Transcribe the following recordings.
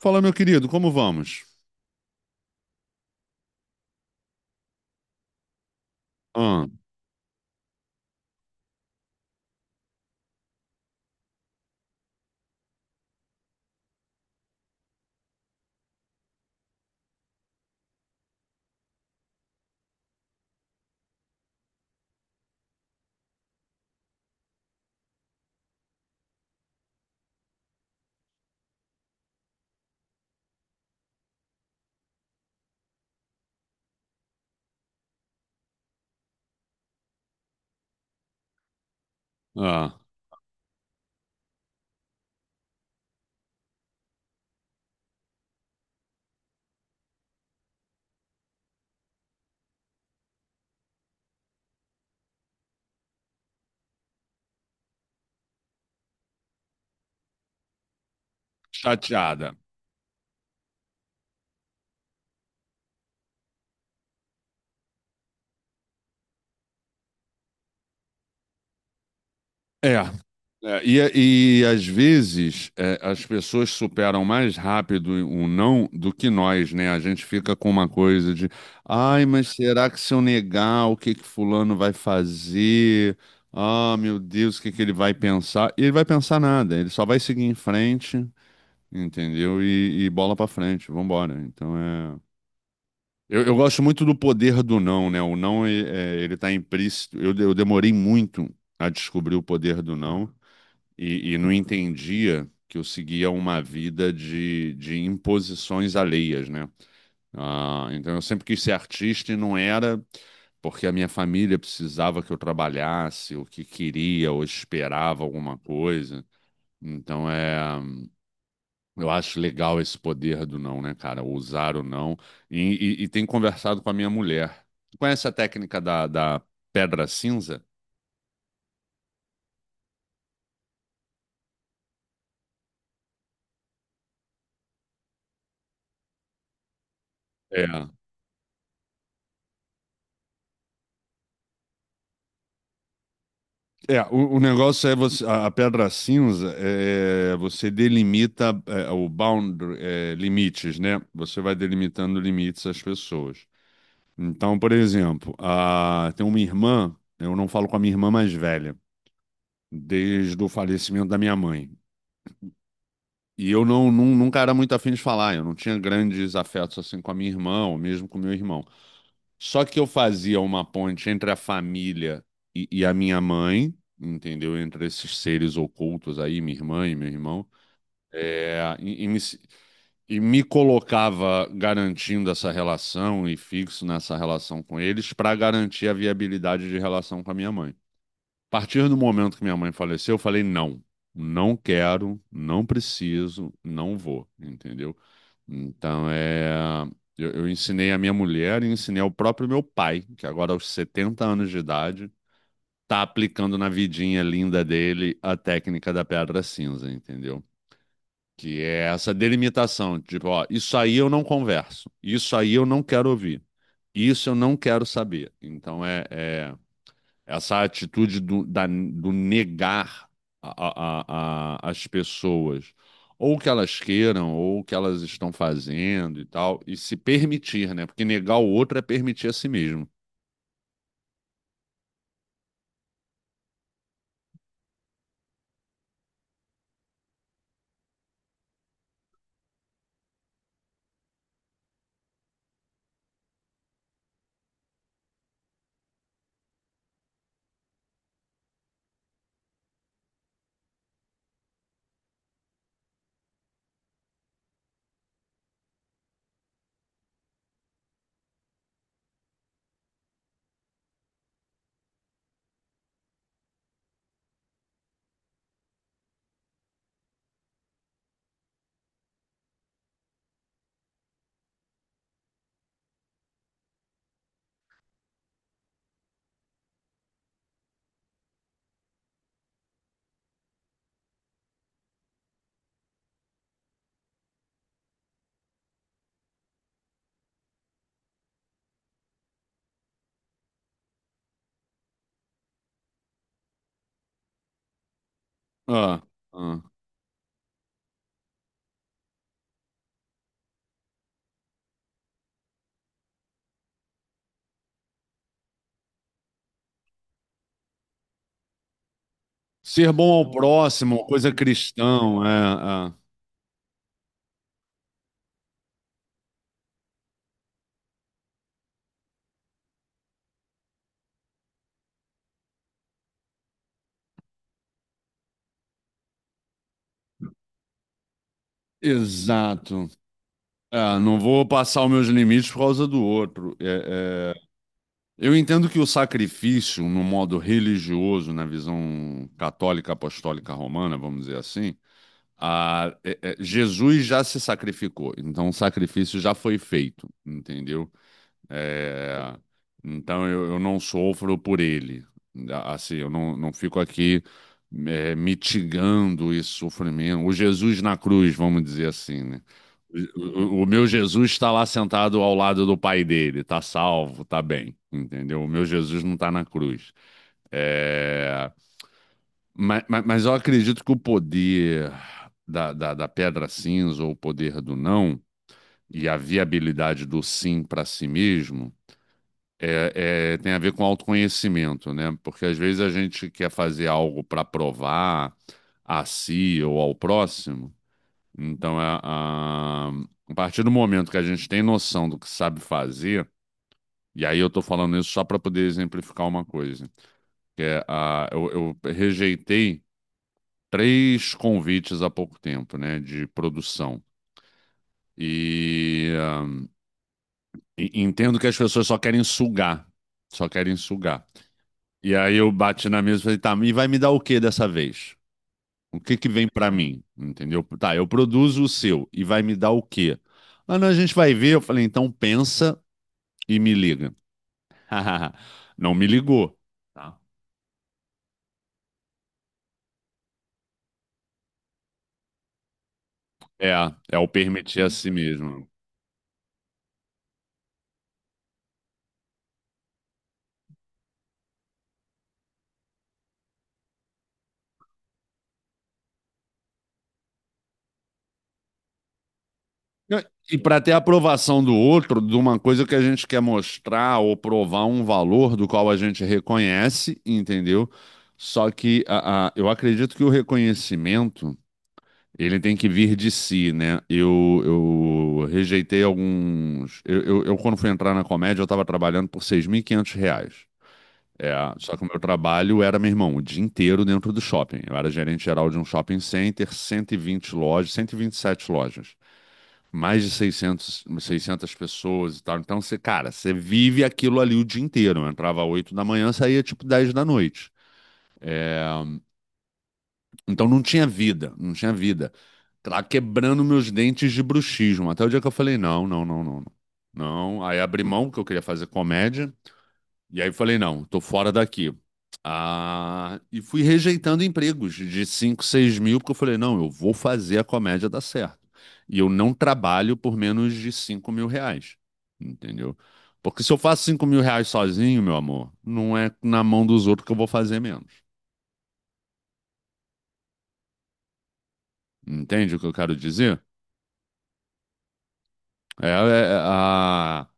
Fala, meu querido, como vamos? Ah, ah, chateada. É, é, e às vezes as pessoas superam mais rápido o não do que nós, né? A gente fica com uma coisa de, ai, mas será que se eu negar, o que que fulano vai fazer? Ah, meu Deus, o que que ele vai pensar? E ele vai pensar nada, ele só vai seguir em frente, entendeu? E bola pra frente, vambora. Então é. Eu gosto muito do poder do não, né? O não, ele tá implícito. Eu demorei muito a descobrir o poder do não e não entendia que eu seguia uma vida de imposições alheias, né? Ah, então eu sempre quis ser artista e não era porque a minha família precisava que eu trabalhasse, ou que queria, ou esperava alguma coisa. Então é. Eu acho legal esse poder do não, né, cara? Usar o não. E tem conversado com a minha mulher. Tu conhece a técnica da pedra cinza? É. É, o negócio é você, a pedra cinza é, você delimita o boundary, limites, né? Você vai delimitando limites às pessoas. Então, por exemplo, tem uma irmã, eu não falo com a minha irmã mais velha, desde o falecimento da minha mãe. E eu nunca era muito afim de falar, eu não tinha grandes afetos assim com a minha irmã, ou mesmo com o meu irmão. Só que eu fazia uma ponte entre a família e a minha mãe, entendeu? Entre esses seres ocultos aí, minha irmã e meu irmão, é, e me, se- e me colocava garantindo essa relação e fixo nessa relação com eles para garantir a viabilidade de relação com a minha mãe. A partir do momento que minha mãe faleceu, eu falei não. Não quero, não preciso, não vou, entendeu? Então é. Eu ensinei a minha mulher e ensinei ao próprio meu pai, que agora aos 70 anos de idade, tá aplicando na vidinha linda dele a técnica da pedra cinza, entendeu? Que é essa delimitação, tipo, ó, isso aí eu não converso, isso aí eu não quero ouvir, isso eu não quero saber. Então é essa atitude do negar as pessoas, ou o que elas queiram, ou o que elas estão fazendo e tal, e se permitir, né? Porque negar o outro é permitir a si mesmo. Ah, ah. Ser bom ao próximo, coisa cristão, é, é. Exato. É, não vou passar os meus limites por causa do outro. Eu entendo que o sacrifício, no modo religioso, na visão católica, apostólica, romana, vamos dizer assim, Jesus já se sacrificou, então o sacrifício já foi feito, entendeu? É, então eu não sofro por ele, assim, eu não fico aqui mitigando esse sofrimento. O Jesus na cruz, vamos dizer assim, né? O, o meu Jesus está lá sentado ao lado do pai dele, está salvo, está bem, entendeu? O meu Jesus não está na cruz. É, mas eu acredito que o poder da pedra cinza, ou o poder do não, e a viabilidade do sim para si mesmo, tem a ver com autoconhecimento, né? Porque às vezes a gente quer fazer algo para provar a si ou ao próximo. Então, a partir do momento que a gente tem noção do que sabe fazer, e aí eu estou falando isso só para poder exemplificar uma coisa, que é, a, eu rejeitei 3 convites há pouco tempo, né, de produção. E, ah, entendo que as pessoas só querem sugar, só querem sugar. E aí eu bati na mesa e falei, tá, e vai me dar o que dessa vez? O que que vem pra mim? Entendeu? Tá, eu produzo o seu e vai me dar o quê? Ah, não, a gente vai ver. Eu falei, então pensa e me liga. Não me ligou. Tá. É, é o permitir a si mesmo. E para ter aprovação do outro, de uma coisa que a gente quer mostrar ou provar um valor do qual a gente reconhece, entendeu? Só que eu acredito que o reconhecimento ele tem que vir de si, né? Eu rejeitei alguns. Quando fui entrar na comédia, eu estava trabalhando por 6.500 reais. É, só que o meu trabalho era, meu irmão, o dia inteiro dentro do shopping. Eu era gerente geral de um shopping center, 120 lojas, 127 lojas mais de 600 600 pessoas e tal. Então, você, cara, você vive aquilo ali o dia inteiro. Eu entrava 8 da manhã, saía tipo 10 da noite. É, então não tinha vida, não tinha vida. Lá quebrando meus dentes de bruxismo. Até o dia que eu falei, não, não, não, não. Não, Não. Aí abri mão, porque eu queria fazer comédia. E aí eu falei, não, tô fora daqui. Ah, e fui rejeitando empregos de 5 6 mil, porque eu falei, não, eu vou fazer a comédia dar certo. E eu não trabalho por menos de 5.000 reais, entendeu? Porque se eu faço 5.000 reais sozinho, meu amor, não é na mão dos outros que eu vou fazer menos. Entende o que eu quero dizer? É, é, a-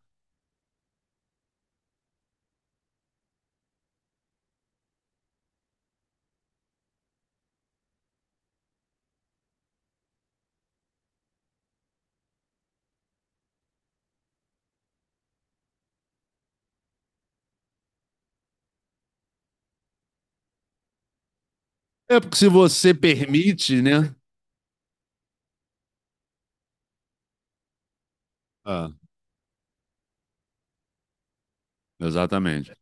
é porque se você permite, né? Ah, exatamente.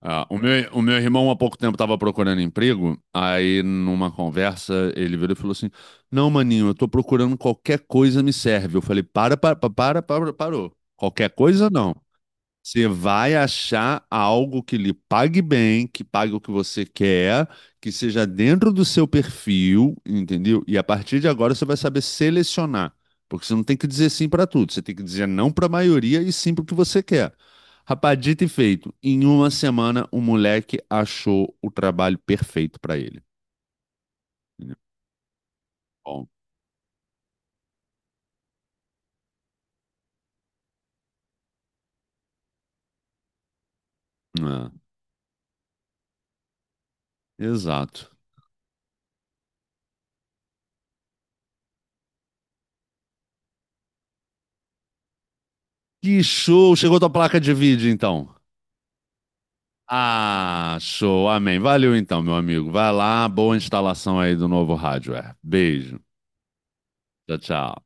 Ah, o meu irmão há pouco tempo estava procurando emprego, aí numa conversa ele virou e falou assim: Não, maninho, eu tô procurando qualquer coisa me serve. Eu falei: Para, para, para, para, para, parou. Qualquer coisa não. Você vai achar algo que lhe pague bem, que pague o que você quer, que seja dentro do seu perfil, entendeu? E a partir de agora você vai saber selecionar, porque você não tem que dizer sim para tudo, você tem que dizer não para a maioria e sim para o que você quer. Rapaz, dito e feito, em uma semana o moleque achou o trabalho perfeito para ele. Bom, é, exato. Que show! Chegou tua placa de vídeo então. Ah, show, amém. Valeu então, meu amigo. Vai lá, boa instalação aí do novo hardware. Beijo. Tchau, tchau.